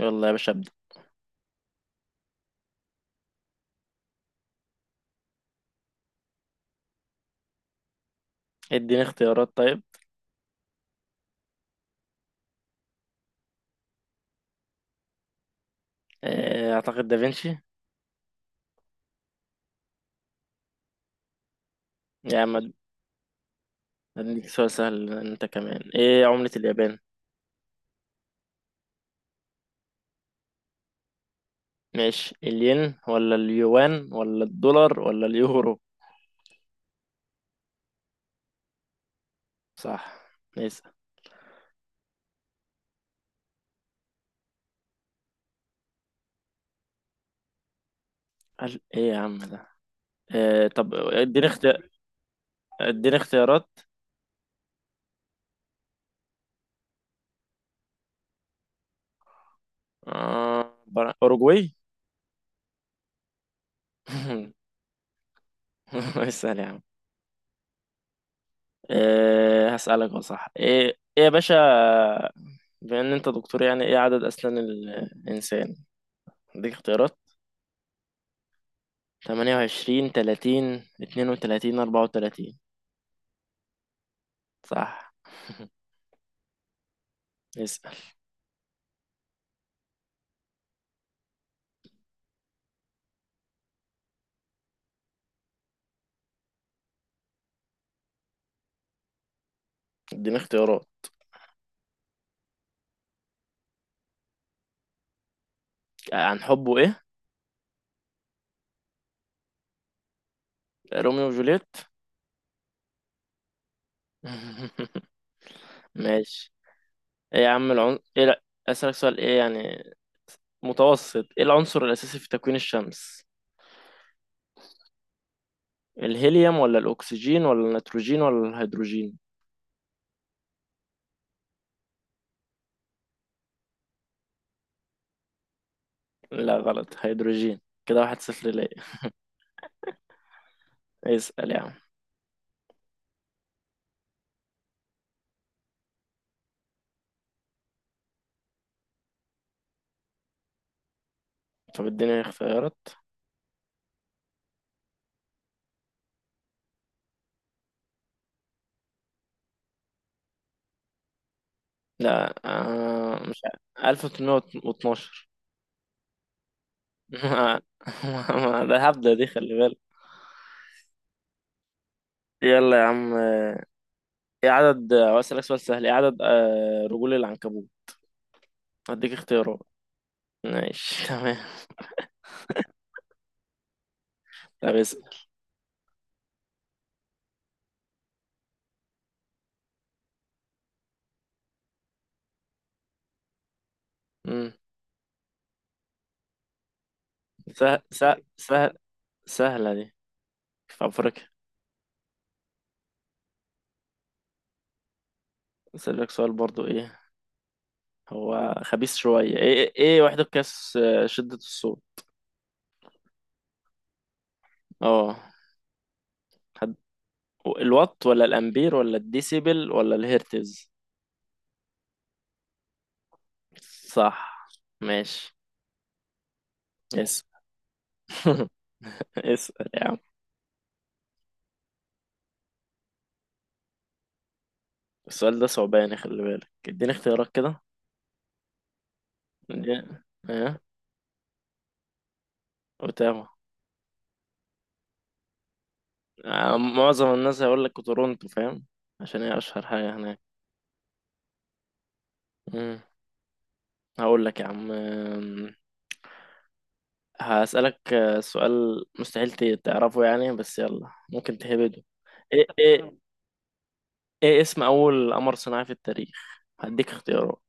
يلا يا باشا، ابدأ. اديني اختيارات. طيب، اعتقد دافنشي. يا عم، اديك سؤال سهل انت كمان. ايه عملة اليابان؟ ماشي، الين ولا اليوان ولا الدولار ولا اليورو؟ صح. نسأل. قال ايه يا عم ده؟ إيه؟ طب اديني اختيار. اديني اختيارات. اوروجواي. اسأل يا عم. إيه هسألك؟ هو صح؟ ايه يا باشا، بما ان انت دكتور، يعني ايه عدد اسنان الانسان؟ اديك اختيارات: تمانية وعشرين، تلاتين، اتنين وتلاتين، أربعة وتلاتين. صح. اسأل. اديني اختيارات. عن حبه ايه؟ روميو وجوليت. ماشي. ايه يا عم العن... ايه، لا. اسألك سؤال. ايه يعني متوسط، ايه العنصر الأساسي في تكوين الشمس؟ الهيليوم ولا الأكسجين ولا النيتروجين ولا الهيدروجين؟ لا، غلط، هيدروجين. كده واحد صفر ليا. اسأل يا عم. طب اديني اختيارات. لا، مش عارف، 1812. ما ده هبدة دي، خلي بالك. يلا يا عم. ايه عدد اسألك سؤال سهل: ايه عدد رجول العنكبوت؟ هديك اختيارات. ماشي. تمام. طب اسأل. مم. سهل سهل سهل، سهلة دي. في أفريقيا. أسألك سؤال برضو. ايه، هو خبيث شوية. ايه وحدة قياس شدة الصوت؟ اه. حد- الوات ولا الأمبير ولا الديسيبل ولا الهرتز؟ صح. ماشي. اسأل. اسأل يا عم. السؤال ده صعباني، خلي بالك. اديني اختيارات كده. اديني- ايه، اوتاوا. معظم الناس هيقول لك تورونتو، فاهم؟ عشان هي اشهر حاجة هناك. مم. هقول لك يا عم. هسألك سؤال مستحيل تعرفه يعني، بس يلا ممكن تهبده. ايه ايه ايه اسم اول قمر صناعي في التاريخ؟ هديك اختيارات.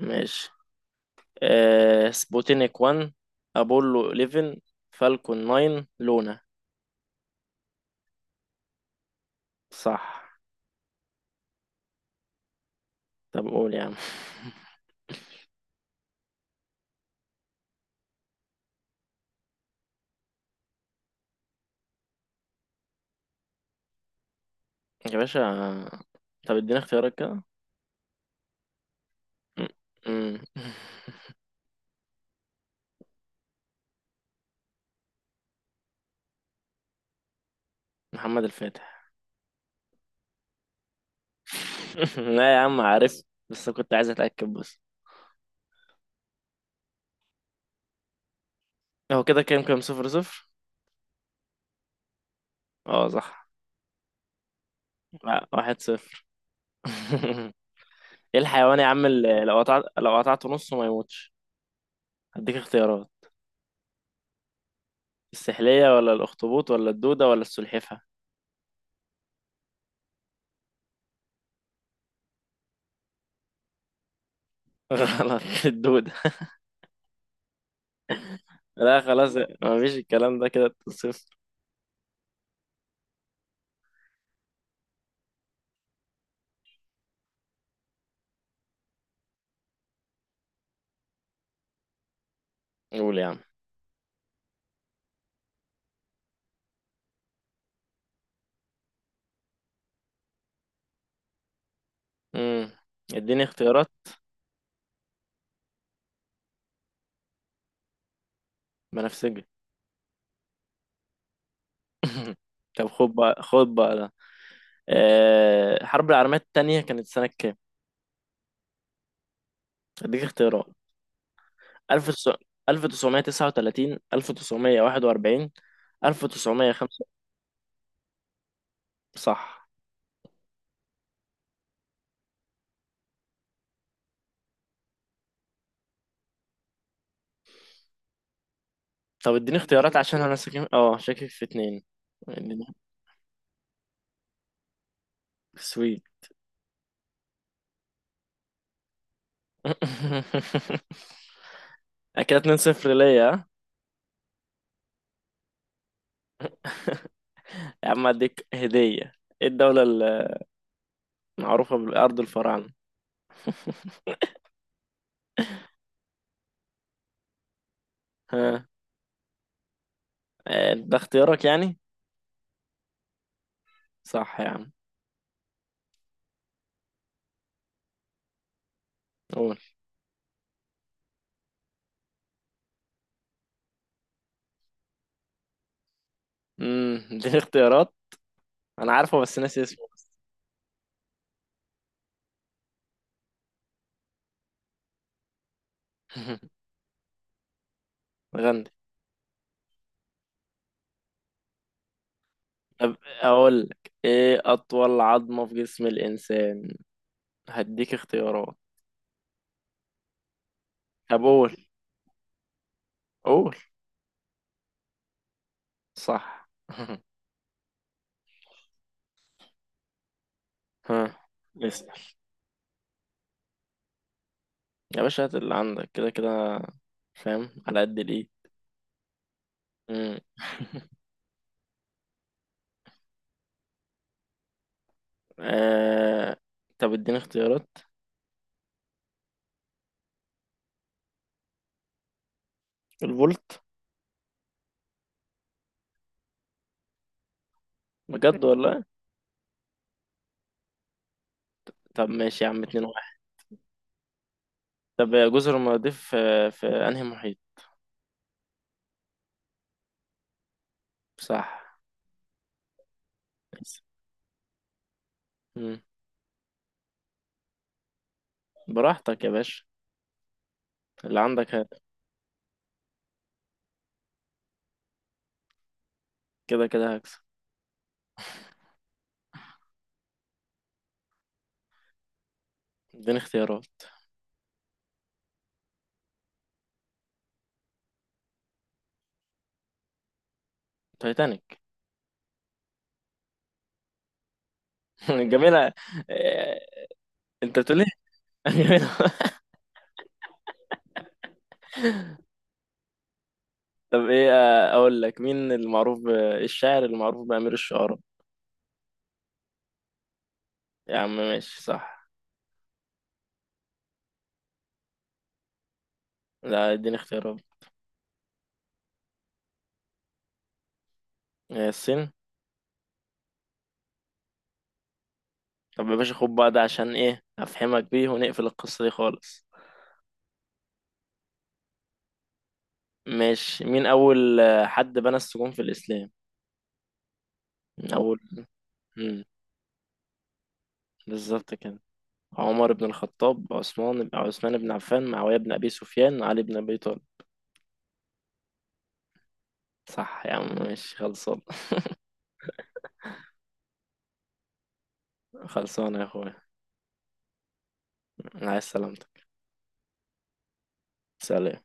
ماشي. آه، سبوتينيك 1، ابولو 11، فالكون 9، لونا. صح. طب قول يا عم. يا باشا. طب ادينا اختيارات كده. م- م- محمد الفاتح. لا يا عم، عارف، بس كنت عايز اتاكد بس. هو كده كام؟ كام، صفر صفر؟ اه، صح، لا، واحد صفر. ايه الحيوان يا عم اللي لو قطعت، لو قطعته نصه ما يموتش؟ هديك اختيارات: السحلية ولا الاخطبوط ولا الدودة ولا السلحفة. غلط، الدودة. لا خلاص، ما فيش الكلام ده، كده صفر. قول يا عم. امم. اديني اختيارات. بنفسجي. طب خد بقى، خد بقى ده. الحرب العالمية التانية كانت سنة كام؟ أديك اختيارات: 1939، 1941، 1905. صح. طب اديني اختيارات عشان أنا ساكن، اه، شاكك في اتنين. اديني- سويت. كده 2-0 ليا، ها؟ يا عم، أديك هدية. ايه الدولة المعروفة بالأرض الفراعنة؟ ها؟ ده اختيارك يعني؟ صح يا عم. قول. امم. اديني اختيارات. انا عارفه بس ناسي اسمه. غندي. طب اقول لك، ايه اطول عظمة في جسم الانسان؟ هديك اختيارات. طب قول، قول. صح. ها. اسأل يا باشا، هات اللي عندك. كده كده فاهم على قد الايه. مم. آه... طب اديني اختيارات. الفولت. بجد ولا؟ طب ماشي يا عم، اتنين واحد. طب جزر المالديف في انهي محيط؟ صح. مم. براحتك يا باشا، اللي عندك هات. كده كده هكسب. اديني اختيارات. تايتانيك. جميلة. إيه، انت بتقول ايه؟ جميلة. طب ايه، اقول لك مين المعروف إيه، الشاعر المعروف بأمير الشعراء؟ يا عم ماشي، صح. لا، اديني اختيارات. إيه، الصين. طب يا باشا، خد بقى ده عشان ايه افهمك بيه ونقفل القصة دي خالص. ماشي. مين اول حد بنى السجون في الاسلام؟ اول. مم. بالظبط كده: عمر بن الخطاب، عثمان بن عفان، معاوية بن ابي سفيان، علي بن ابي طالب. صح يا عم، ماشي، خلصان. خلصانة يا اخويا. عايز سلامتك. سلام.